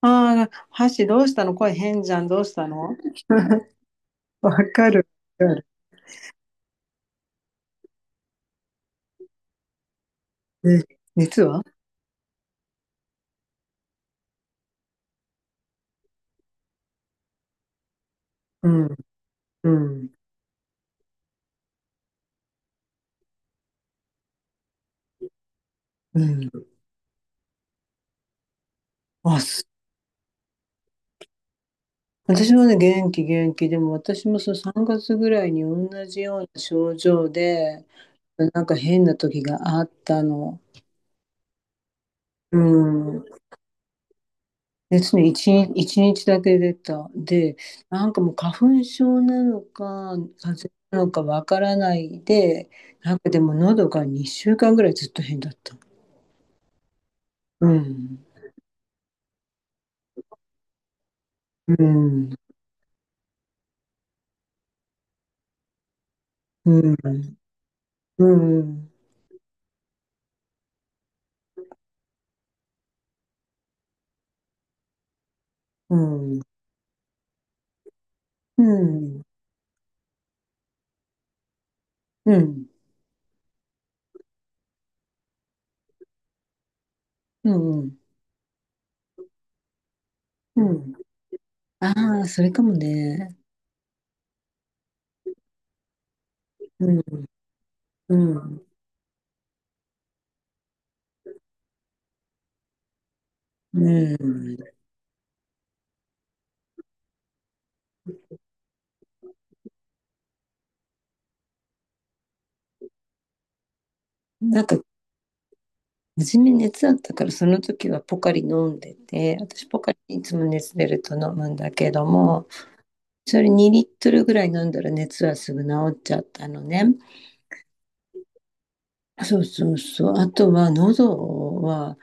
ああ、箸どうしたの、声変じゃん、どうしたの。 わかる、わかる。え、実は、うん、うん、うん。あ、す私もね、元気、元気。でも私もそう3月ぐらいに同じような症状で、なんか変な時があったの。うん。別に一日だけ出た。で、なんかもう花粉症なのか、風邪なのかわからないで、なんかでも喉が2週間ぐらいずっと変だった。うん、うん、うん、うん、うん、うん、うん、うん、うん。ああ、それかもね。うん、うん、うん。なんか、初め熱あったから、その時はポカリ飲んでて、私ポカリいつも熱出ると飲むんだけども、それ2リットルぐらい飲んだら熱はすぐ治っちゃったのね。そうそうそう。あとは喉は、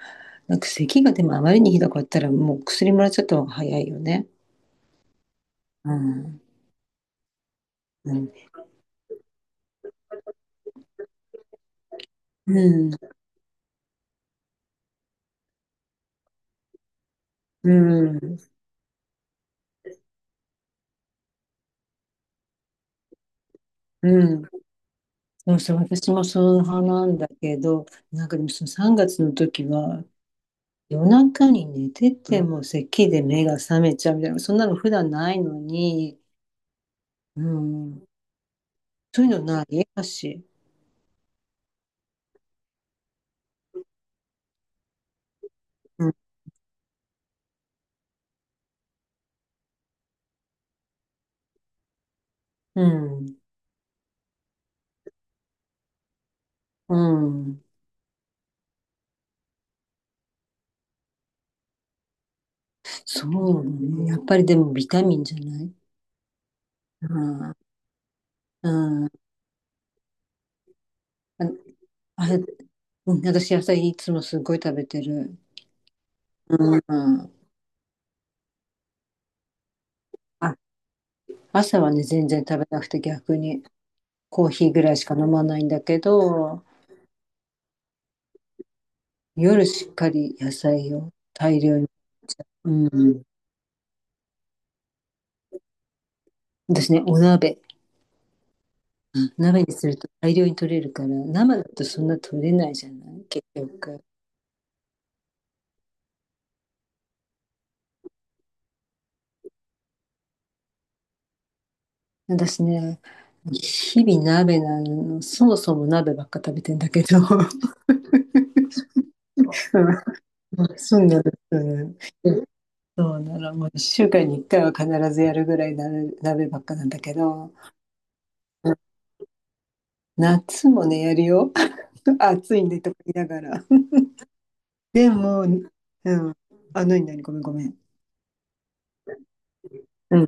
なんか咳が、でもあまりにひどかったらもう薬もらっちゃった方が早いよね。うん、うん、うん、うん、うん。そうそう、私もそう派なんだけど、なんかでもその3月の時は、夜中に寝てても咳で目が覚めちゃうみたいな、そんなの普段ないのに。うん、そういうのないだし、うん、うん、うん、そうね、やっぱりでもビタミンじゃない？うん、うん、あ、あれ、うん、私野菜いつもすごい食べてる。うん、あ、朝はね、全然食べなくて逆にコーヒーぐらいしか飲まないんだけど、夜しっかり野菜を大量に。うん。私ね、お鍋。鍋にすると大量に取れるから、生だとそんな取れないじゃない結局。私ね、日々鍋なの、そもそも鍋ばっか食べてんだけど。うん、そうなんです、うん、そうなの、もう1週間に1回は必ずやるぐらい鍋、鍋ばっかなんだけど、夏もね、やるよ。あ、暑いんでとか言いながら。でも、うん。あ、なになに、ごめんごめん。うん。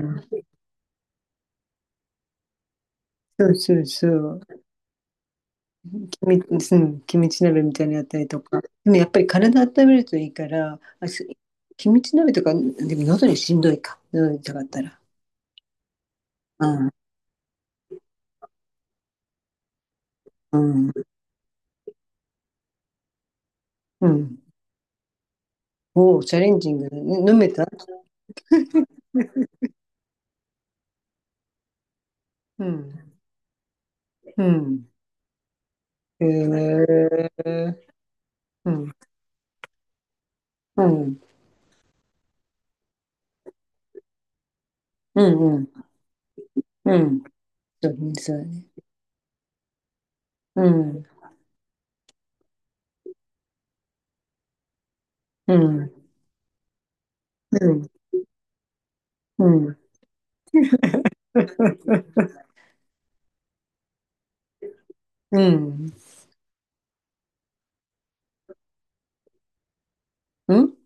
そうそうそう。うん、キムチ鍋みたいなのやったりとか。でもやっぱり体温めるといいから、キムチ鍋とか、でも喉にしんどいか。喉痛かったら。うん、うん、うん。おお、チャレンジングだね、飲めた？うん、うん。へえ。うん、うん、うん、うん。うん。そうね、そうね。うん、うん。うん、うん。うん。うん？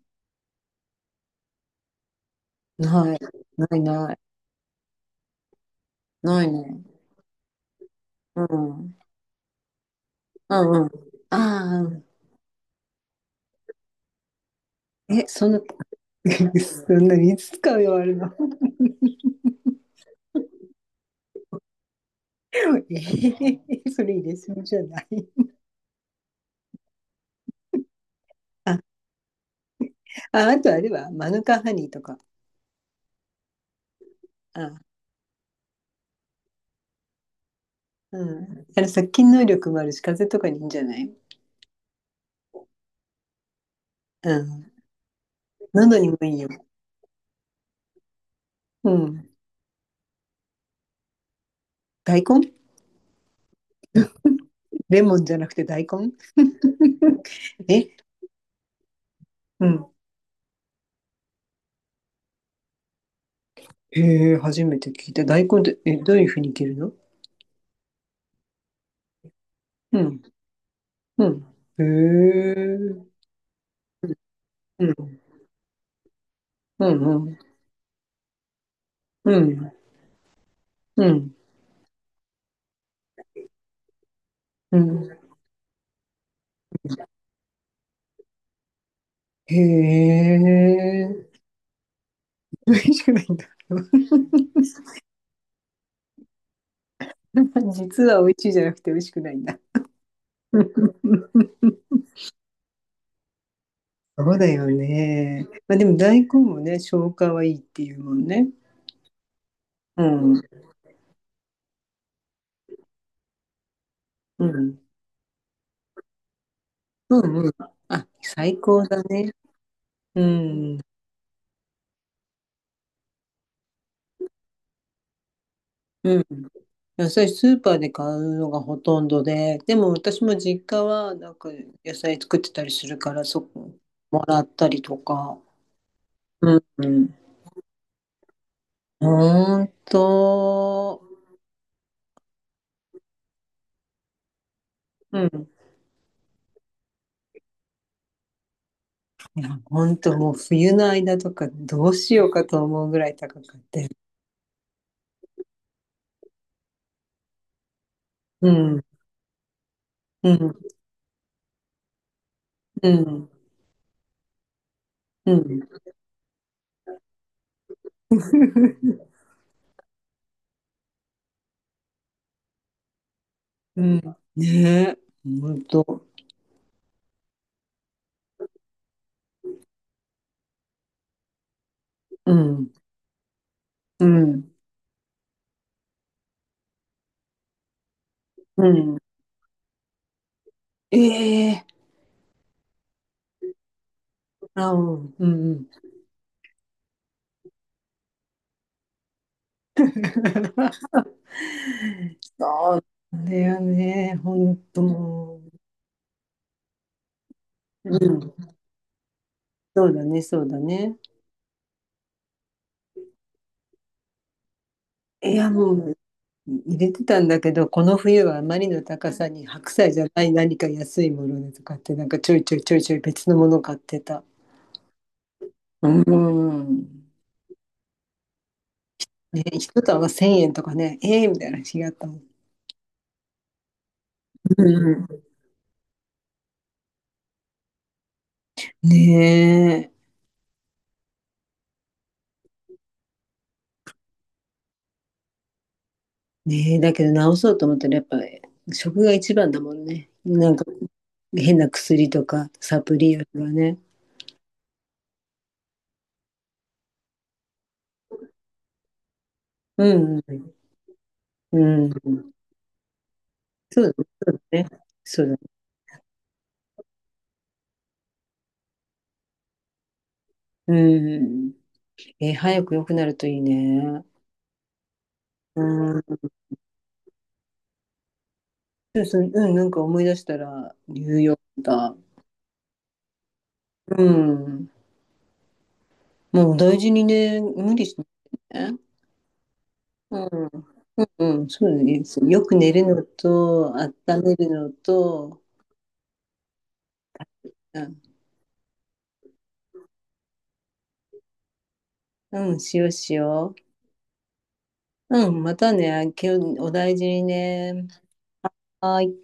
ない。ないない。ないね。うん。うんうん。ああ、うんうん、ないないないないね、うんうんうん、ああ、え、そんな そんなにいつ使うよ、あれは。それ入れすぎじゃない？あ、あ、あとあれはマヌカハニーとか。ああ、うん。あれ殺菌能力もあるし、風邪とかにいいんじゃない？うん。喉にもいいよ。うん。大根？レモンじゃなくて大根？え、うん。へえ、初めて聞いた。大根って、え、どういうふうに切るの？うん、うん。へえ、うん、うん、うん、うん、うん、うん、へえ、美味しくないんだ。実は美味しいじゃなくて美味しくないんだ。そうだよね。まあ、でも大根もね、消化はいいっていうもんね。うん、うん、うん、うん。あ、最高だね。うん、うん、野菜スーパーで買うのがほとんどで、でも私も実家はなんか野菜作ってたりするから、そこもらったりとか。うんうん。ほんと、うん。いや、ほんともう冬の間とかどうしようかと思うぐらい高くて。うん、うん、うん、うん。うん。ねえ、ほんと。うん、うん、うん。ええ、あ、うん、うん、うん。あれはね、ほんともう、うん、そうだね、そうだね。いや、もう、入れてたんだけど、この冬はあまりの高さに白菜じゃない何か安いものでとかって、なんかちょいちょいちょいちょい別のもの買ってた。うん。ね、一束1000円とかね、ええみたいな日があったもん。うん、ねえ、ねえ、だけど直そうと思ったらやっぱ食が一番だもんね。なんか変な薬とかサプリよりはね。うん、うん、うん。そうだね、そうだね。そうだね。うん。早く良くなるといいね。うん。そうそう、うん、なんか思い出したら、ニューヨークだ。うん。もう大事にね、無理しないでね。うん。うん、そうだね。そう、よく寝るのと、温めるのと、うん、うん、しようしよう。うん、またね、今日お大事にね。はーい。